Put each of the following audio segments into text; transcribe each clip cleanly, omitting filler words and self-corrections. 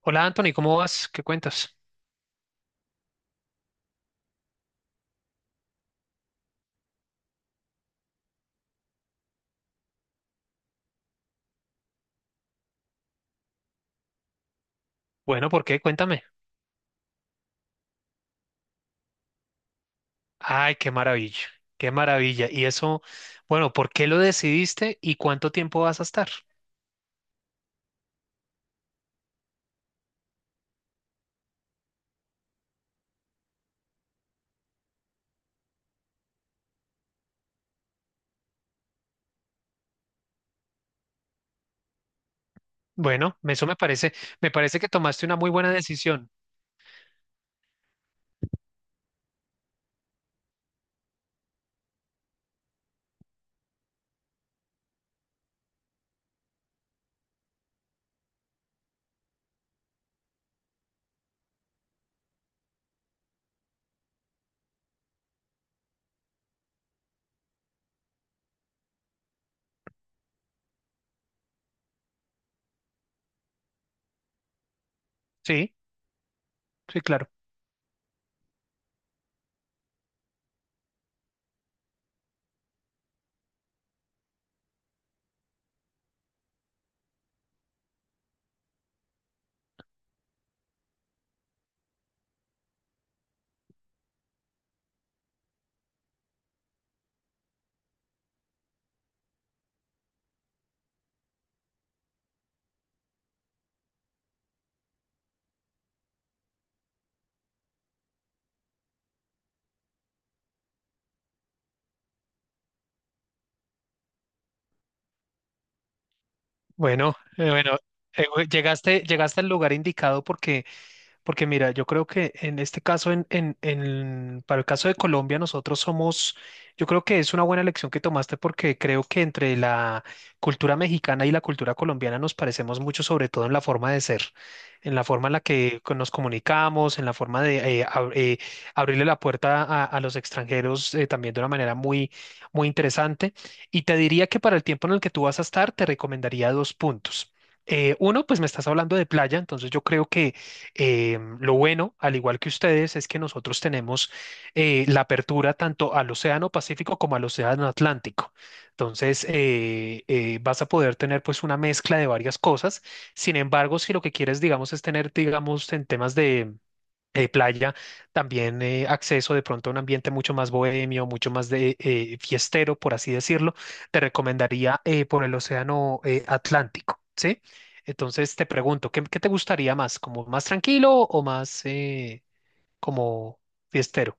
Hola Anthony, ¿cómo vas? ¿Qué cuentas? Bueno, ¿por qué? Cuéntame. Ay, qué maravilla, qué maravilla. Y eso, bueno, ¿por qué lo decidiste y cuánto tiempo vas a estar? Bueno, eso me parece que tomaste una muy buena decisión. Sí, sí, claro. Bueno, bueno, llegaste, llegaste al lugar indicado porque porque mira, yo creo que en este caso, para el caso de Colombia, nosotros somos, yo creo que es una buena elección que tomaste porque creo que entre la cultura mexicana y la cultura colombiana nos parecemos mucho, sobre todo en la forma de ser, en la forma en la que nos comunicamos, en la forma de abrirle la puerta a los extranjeros también de una manera muy, muy interesante. Y te diría que para el tiempo en el que tú vas a estar, te recomendaría dos puntos. Uno, pues me estás hablando de playa, entonces yo creo que lo bueno, al igual que ustedes, es que nosotros tenemos la apertura tanto al Océano Pacífico como al Océano Atlántico. Entonces, vas a poder tener pues una mezcla de varias cosas. Sin embargo, si lo que quieres, digamos, es tener, digamos, en temas de playa, también acceso de pronto a un ambiente mucho más bohemio, mucho más de fiestero, por así decirlo, te recomendaría por el océano Atlántico, ¿sí? Entonces te pregunto, ¿qué, qué te gustaría más? ¿Como más tranquilo o más como fiestero?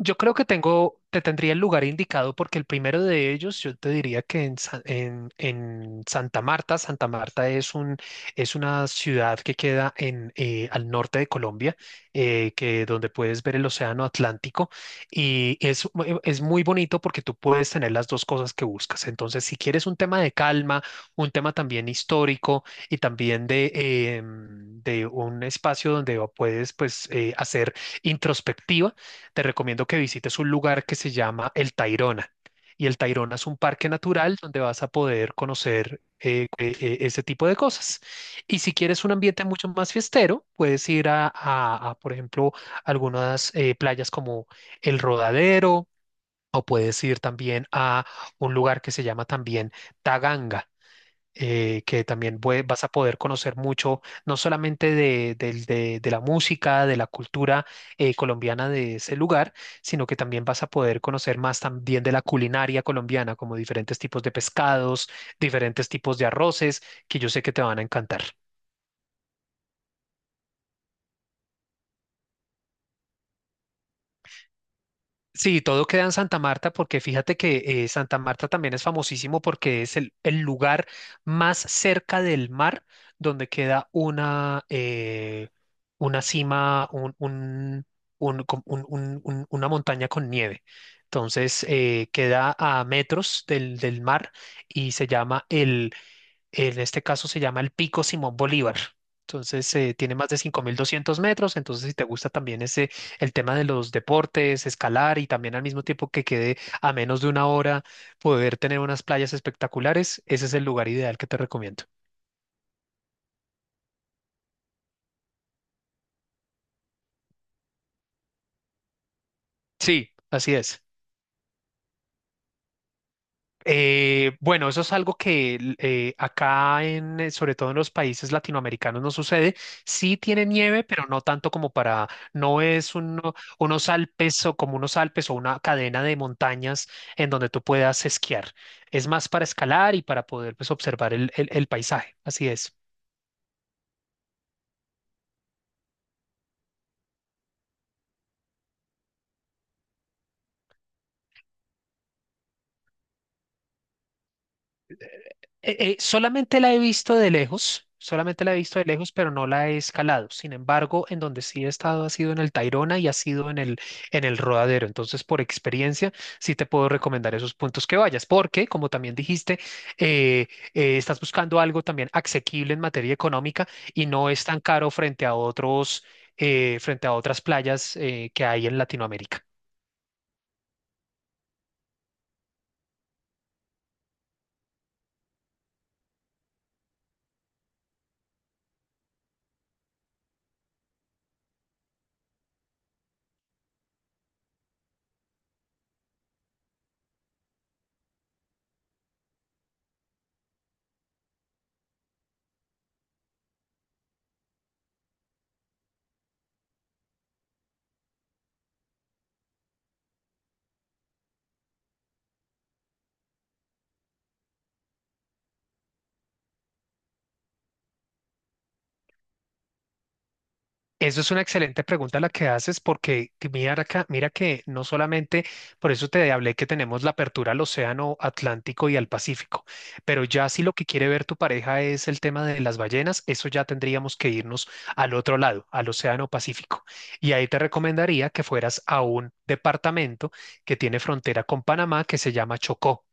Yo creo que tengo, te tendría el lugar indicado porque el primero de ellos, yo te diría que en, en Santa Marta. Santa Marta es un, es una ciudad que queda en, al norte de Colombia, que donde puedes ver el océano Atlántico y es, es muy bonito porque tú puedes tener las dos cosas que buscas. Entonces, si quieres un tema de calma, un tema también histórico y también de, de un espacio donde puedes pues, hacer introspectiva, te recomiendo que visites un lugar que se llama El Tayrona. Y el Tayrona es un parque natural donde vas a poder conocer ese tipo de cosas. Y si quieres un ambiente mucho más fiestero, puedes ir a, por ejemplo, algunas playas como El Rodadero, o puedes ir también a un lugar que se llama también Taganga que también vas a poder conocer mucho, no solamente de, de la música, de la cultura colombiana de ese lugar, sino que también vas a poder conocer más también de la culinaria colombiana, como diferentes tipos de pescados, diferentes tipos de arroces, que yo sé que te van a encantar. Sí, todo queda en Santa Marta porque fíjate que Santa Marta también es famosísimo porque es el lugar más cerca del mar donde queda una cima, una montaña con nieve. Entonces queda a metros del, del mar y se llama, en este caso se llama el Pico Simón Bolívar. Entonces, tiene más de 5.200 metros. Entonces, si te gusta también ese, el tema de los deportes, escalar y también al mismo tiempo que quede a menos de una hora, poder tener unas playas espectaculares, ese es el lugar ideal que te recomiendo. Sí, así es. Bueno, eso es algo que acá en, sobre todo en los países latinoamericanos no sucede. Sí tiene nieve, pero no tanto como para, no es unos Alpes o como unos Alpes o una cadena de montañas en donde tú puedas esquiar. Es más para escalar y para poder pues, observar el, el paisaje. Así es. Solamente la he visto de lejos, solamente la he visto de lejos, pero no la he escalado. Sin embargo, en donde sí he estado ha sido en el Tayrona y ha sido en el Rodadero. Entonces, por experiencia, sí te puedo recomendar esos puntos que vayas, porque, como también dijiste, eh, estás buscando algo también asequible en materia económica y no es tan caro frente a otros, frente a otras playas que hay en Latinoamérica. Eso es una excelente pregunta la que haces porque que mira acá, mira que no solamente, por eso te hablé que tenemos la apertura al Océano Atlántico y al Pacífico, pero ya si lo que quiere ver tu pareja es el tema de las ballenas, eso ya tendríamos que irnos al otro lado, al Océano Pacífico. Y ahí te recomendaría que fueras a un departamento que tiene frontera con Panamá que se llama Chocó.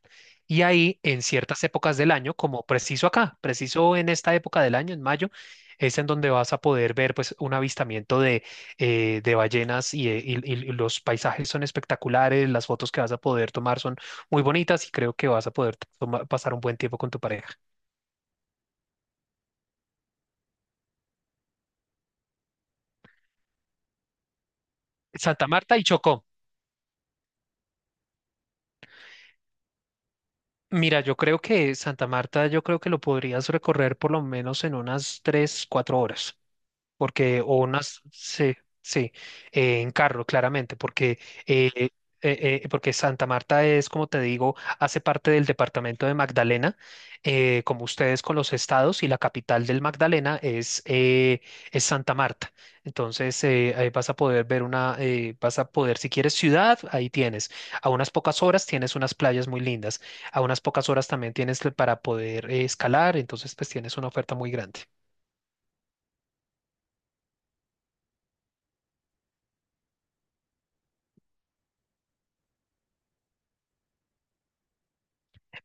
Y ahí, en ciertas épocas del año, como preciso acá, preciso en esta época del año, en mayo, es en donde vas a poder ver pues un avistamiento de ballenas y, y los paisajes son espectaculares, las fotos que vas a poder tomar son muy bonitas y creo que vas a poder pasar un buen tiempo con tu pareja. Santa Marta y Chocó. Mira, yo creo que Santa Marta, yo creo que lo podrías recorrer por lo menos en unas 3, 4 horas, porque, o unas, sí, sí, en carro, claramente, porque, eh, porque Santa Marta es, como te digo, hace parte del departamento de Magdalena, como ustedes con los estados, y la capital del Magdalena es Santa Marta. Entonces, ahí vas a poder ver una, vas a poder, si quieres ciudad, ahí tienes. A unas pocas horas tienes unas playas muy lindas. A unas pocas horas también tienes para poder escalar, entonces pues tienes una oferta muy grande.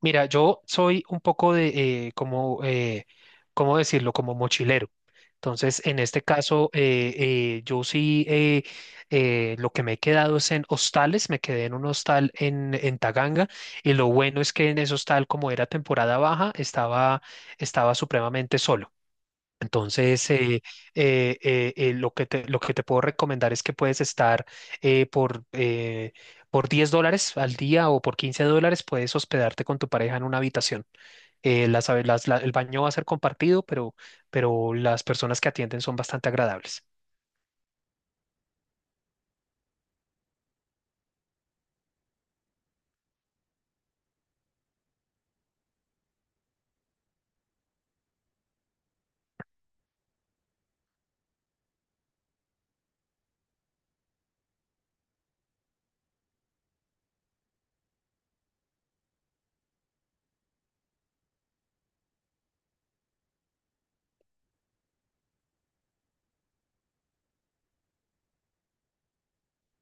Mira, yo soy un poco de, como, ¿cómo decirlo? Como mochilero. Entonces, en este caso, yo sí, lo que me he quedado es en hostales, me quedé en un hostal en Taganga y lo bueno es que en ese hostal, como era temporada baja, estaba, estaba supremamente solo. Entonces, lo que te puedo recomendar es que puedes estar eh, por, eh, por 10 dólares al día o por 15 dólares, puedes hospedarte con tu pareja en una habitación. Las, el baño va a ser compartido, pero las personas que atienden son bastante agradables.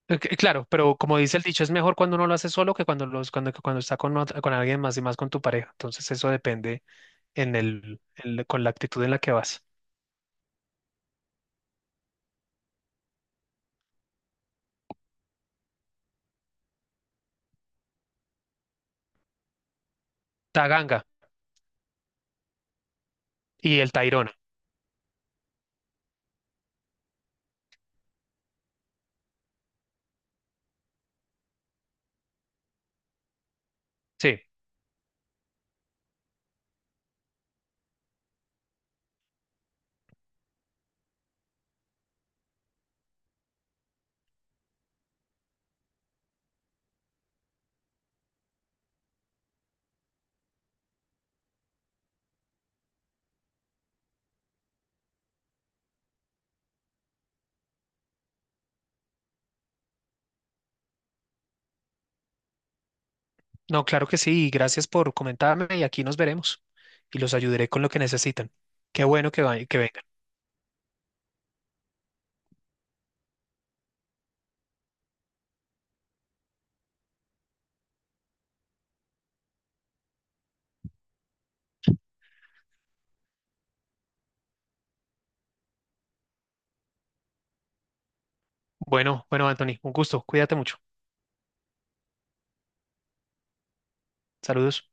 Claro, pero como dice el dicho, es mejor cuando uno lo hace solo que cuando, los, cuando, cuando está con, con alguien más y más con tu pareja. Entonces, eso depende en el, con la actitud en la que vas. Taganga y el Tairona. Sí. No, claro que sí, y gracias por comentarme y aquí nos veremos y los ayudaré con lo que necesitan. Qué bueno que, que vengan. Bueno, bueno, Anthony, un gusto. Cuídate mucho. Saludos.